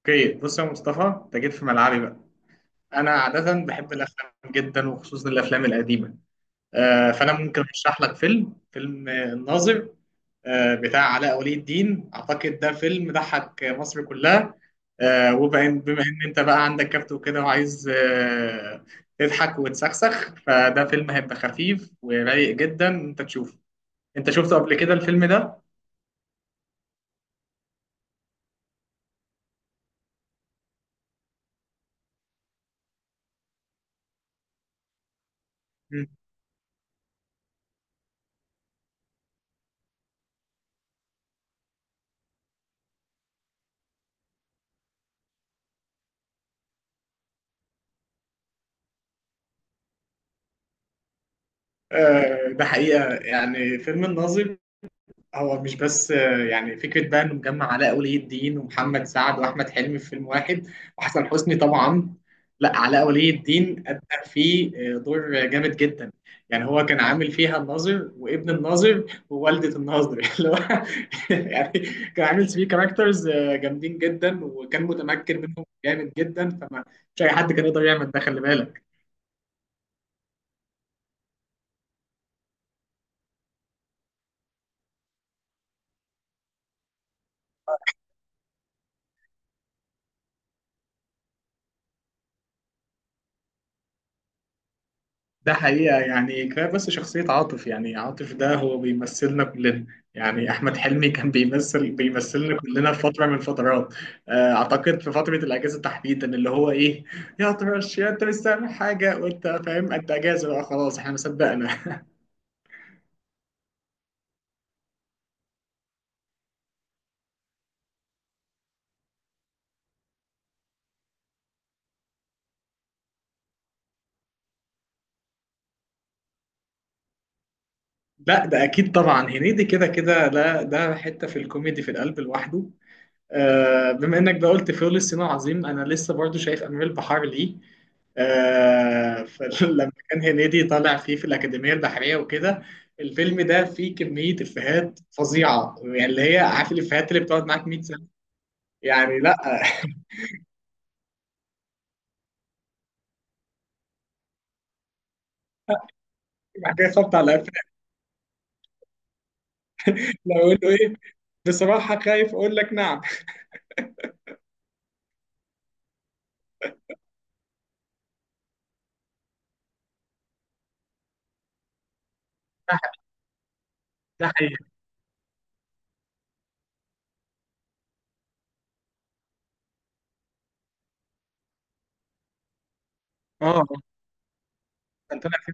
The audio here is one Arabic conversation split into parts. اوكي، بص يا مصطفى، انت جيت في ملعبي بقى. انا عاده بحب الافلام جدا وخصوصا الافلام القديمه. فانا ممكن ارشح لك فيلم الناظر. بتاع علاء ولي الدين، اعتقد ده فيلم ضحك مصر كلها. بما ان انت بقى عندك كبت وكده وعايز تضحك وتسخسخ، فده فيلم هيبقى خفيف ورايق جدا انت تشوفه. انت شفته قبل كده الفيلم ده؟ مم. ده حقيقة يعني فيلم الناظر، هو مش بس يعني فكرة بقى إنه مجمع علاء ولي الدين ومحمد سعد وأحمد حلمي في فيلم واحد، وحسن حسني طبعا. لا، علاء ولي الدين أدى فيه دور جامد جدا. يعني هو كان عامل فيها الناظر وابن الناظر ووالدة الناظر اللي هو يعني كان عامل فيه كاركترز جامدين جدا وكان متمكن منهم جامد جدا. فما مش أي حد كان يقدر يعمل ده، خلي بالك. ده حقيقة، يعني كفاية بس شخصية عاطف. يعني عاطف ده هو بيمثلنا كلنا. يعني أحمد حلمي كان بيمثلنا كلنا في فترة من الفترات. أعتقد في فترة الأجازة تحديدا، اللي هو إيه، يا طرش، يا أنت مش سامع حاجة، وأنت فاهم أنت أجازة بقى خلاص إحنا مصدقنا. لا، ده أكيد طبعا هنيدي كده كده، لا ده حتة في الكوميدي في القلب لوحده. بما انك بقى قلت فيول الصين العظيم، انا لسه برضو شايف امير البحار ليه. فلما كان هنيدي طالع فيه في الأكاديمية البحرية وكده، الفيلم ده فيه كمية إفيهات فظيعة. يعني اللي هي عارف الإفيهات اللي بتقعد معاك 100 سنة. يعني لا حكاية خبط على قفاك. لو أقول له إيه؟ بصراحة خايف أقول لك نعم. ده حقيقي. آه كان طالع فيه.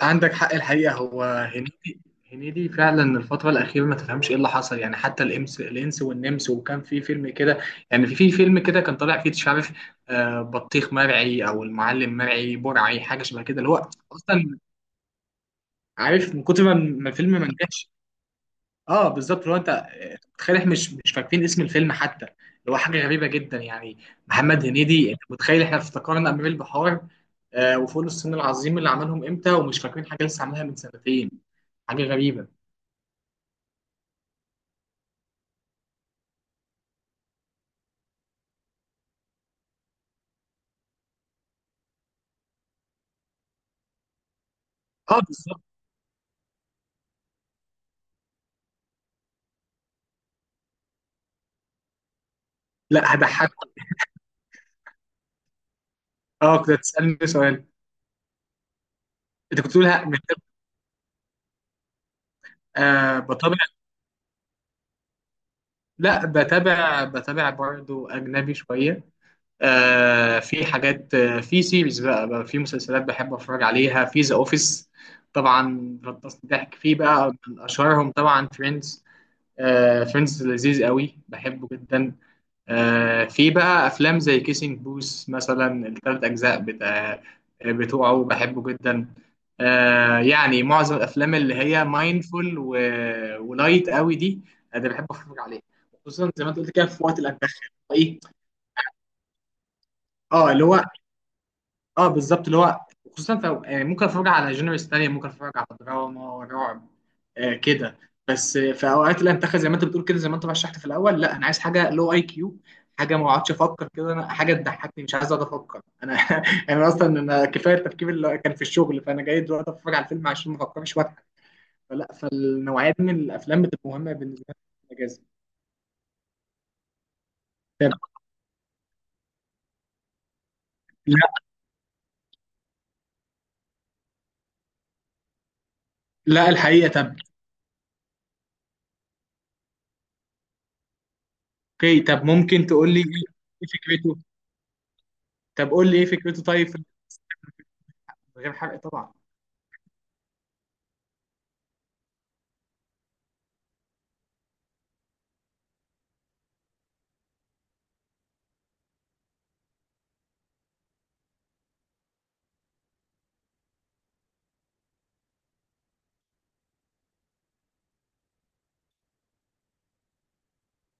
عندك حق الحقيقة، هو هنيدي، هنيدي فعلا الفترة الأخيرة ما تفهمش إيه اللي حصل، يعني حتى الإنس والنمس، وكان في فيلم كده. يعني في فيلم كده كان طالع فيه مش عارف بطيخ مرعي أو المعلم مرعي برعي، حاجة شبه كده، اللي هو أصلا عارف من كتر ما الفيلم ما نجحش. اه بالظبط. لو انت متخيل، احنا مش فاكرين اسم الفيلم حتى، اللي هو حاجه غريبه جدا يعني. محمد هنيدي، انت متخيل احنا افتكرنا امير البحار آه وفول الصين العظيم اللي عملهم امتى، ومش فاكرين حاجه لسه عاملها من سنتين؟ حاجه غريبه. اه بالظبط. لا، هضحك. اه كنت هتسالني سؤال. انت كنت بتقول بتابع. لا، بتابع برضه اجنبي شويه. في حاجات، في سيريز بقى، في مسلسلات بحب اتفرج عليها. في ذا اوفيس طبعا غطسني ضحك فيه بقى، من اشهرهم طبعا فريندز. آه فريندز لذيذ قوي، بحبه جدا. في بقى افلام زي كيسنج بوس مثلا، الثلاث اجزاء بتاع بتوعه، بحبه جدا. يعني معظم الافلام اللي هي مايندفول، و... ولايت قوي دي، انا بحب اتفرج عليها. خصوصا زي ما انت قلت كده في وقت الانتخاب، ايه، اه اللي هو، اه بالظبط اللي هو، خصوصا في ممكن اتفرج على جينرز تانية، ممكن اتفرج على دراما رعب كده، بس في اوقات الانتخاب، زي ما انت بتقول كده، زي ما انت رشحت في الاول، لا، انا عايز حاجه لو اي كيو، حاجه ما اقعدش افكر كده، انا حاجه تضحكني. مش عايز اقعد افكر انا انا اصلا انا كفايه التفكير اللي كان في الشغل، فانا جاي دلوقتي اتفرج على الفيلم عشان ما افكرش واضحك. فلا، فالنوعيه دي من الافلام بتبقى مهمه بالنسبه لي في الاجازه. طب، لا لا الحقيقه. طب اوكي، طب ممكن تقول لي ايه، إيه فكرته؟ طب قول لي ايه فكرته، طيب من غير حرق طبعا.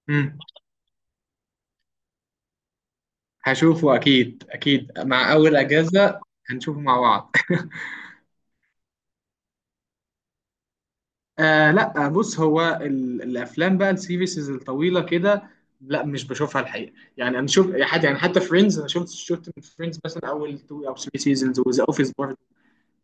مم. هشوفه، اكيد اكيد، مع اول اجازه. هنشوفه مع بعض آه لا، بص هو الافلام بقى، السيريسز الطويله كده، لا، مش بشوفها الحقيقه. يعني انا شوف، يعني حتى يعني حتى فريندز، انا شفت من فريندز مثلا اول تو او ثري سيزونز، وذا اوفيس.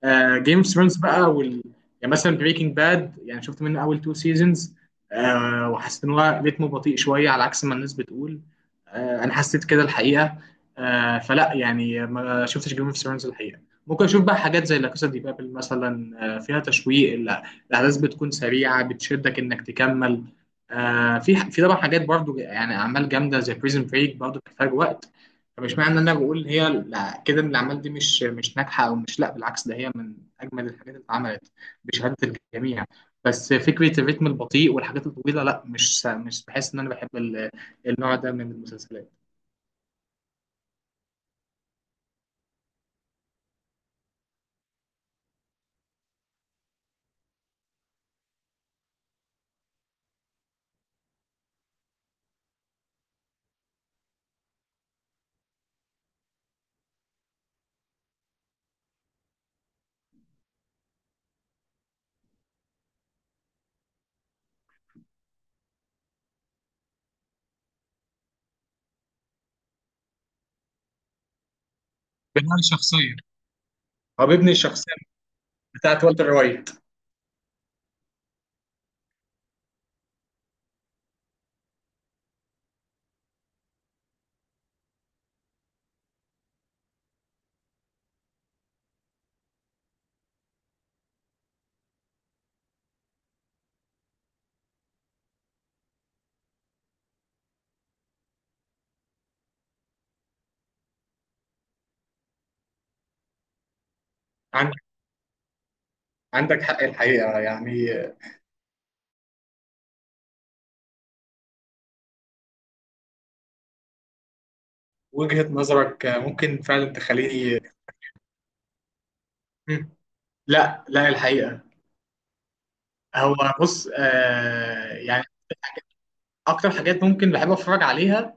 آه جيم اوف ثرونز بقى، يعني مثلا بريكنج باد، يعني شفت منه اول تو سيزونز. آه، وحسيت ان هو ريتمه بطيء شويه على عكس ما الناس بتقول. آه انا حسيت كده الحقيقه. آه فلا، يعني ما شفتش جيم اوف ثرونز الحقيقه. ممكن اشوف بقى حاجات زي لا كاسا دي بابل مثلا، آه فيها تشويق، الاحداث بتكون سريعه بتشدك انك تكمل. في طبعا حاجات برضو، يعني اعمال جامده زي بريزن بريك، برضو بتحتاج وقت. طب اشمعنى ان انا بقول هي كده، ان الاعمال دي مش ناجحه، او مش، لا بالعكس، ده هي من اجمل الحاجات اللي اتعملت بشهاده الجميع. بس فكره الريتم البطيء والحاجات الطويله، لا مش بحس ان انا بحب النوع ده من المسلسلات. بناء شخصية، هو بيبني الشخصيه بتاعت والتر وايت. عندك عندك حق الحقيقه يعني. وجهه نظرك ممكن فعلا تخليني. مم. لا لا الحقيقه. هو بص يعني اكتر حاجات ممكن بحب اتفرج عليها،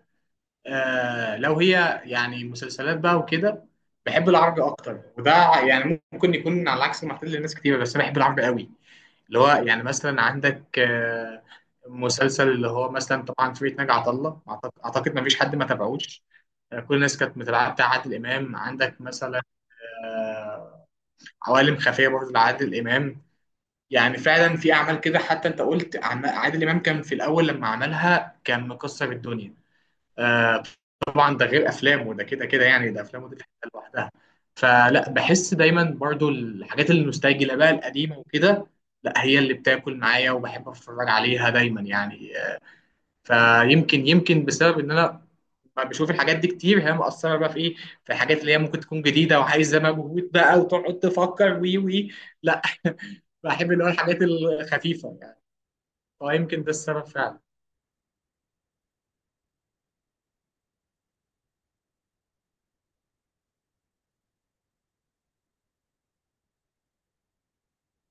لو هي يعني مسلسلات بقى وكده، بحب العربي اكتر. وده يعني ممكن يكون على عكس معتاد لناس كتير، بس انا بحب العربي قوي. اللي هو يعني مثلا عندك مسلسل اللي هو مثلا طبعا فرقة ناجي عطا الله، أعتقد مفيش حد ما تابعوش. آه كل الناس كانت متابعه، بتاع عادل امام، عندك مثلا آه، عوالم خفيه برضه لعادل امام. يعني فعلا في اعمال كده، حتى انت قلت عادل امام كان في الاول لما عملها كان مكسر الدنيا. آه، طبعا ده غير افلامه، ده كده كده يعني، ده افلامه دي في حته لوحدها. فلا بحس دايما برضو الحاجات النوستالجيا اللي بقى القديمه وكده، لا هي اللي بتاكل معايا وبحب اتفرج عليها دايما يعني. فيمكن، يمكن بسبب ان انا ما بشوف الحاجات دي كتير، هي مأثره بقى في ايه، في الحاجات اللي هي ممكن تكون جديده وعايزه مجهود بقى وتقعد تفكر وي وي. لا، بحب اللي هو الحاجات الخفيفه يعني. فيمكن ده السبب فعلا.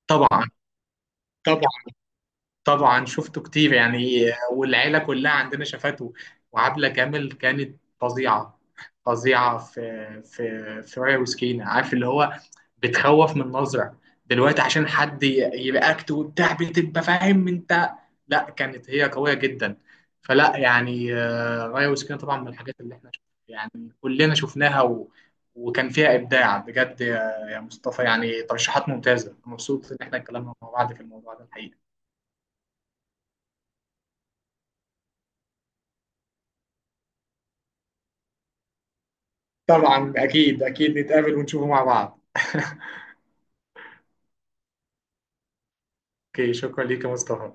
طبعا. طبعا. طبعا شفته كتير يعني، والعيلة كلها عندنا شافته، وعبلة كامل كانت فظيعة. فظيعة في في ريا وسكينة. عارف اللي هو بتخوف من نظرة دلوقتي عشان حد يرياكت وبتاع، بتبقى فاهم انت. لا، كانت هي قوية جدا. فلا يعني ريا وسكينة طبعا من الحاجات اللي احنا يعني كلنا شفناها وكان فيها إبداع بجد، يا مصطفى. يعني ترشيحات ممتازة، مبسوط إن احنا اتكلمنا مع بعض في الموضوع ده الحقيقة. طبعا، اكيد اكيد نتقابل ونشوفه مع بعض اوكي، شكرا ليك يا مصطفى.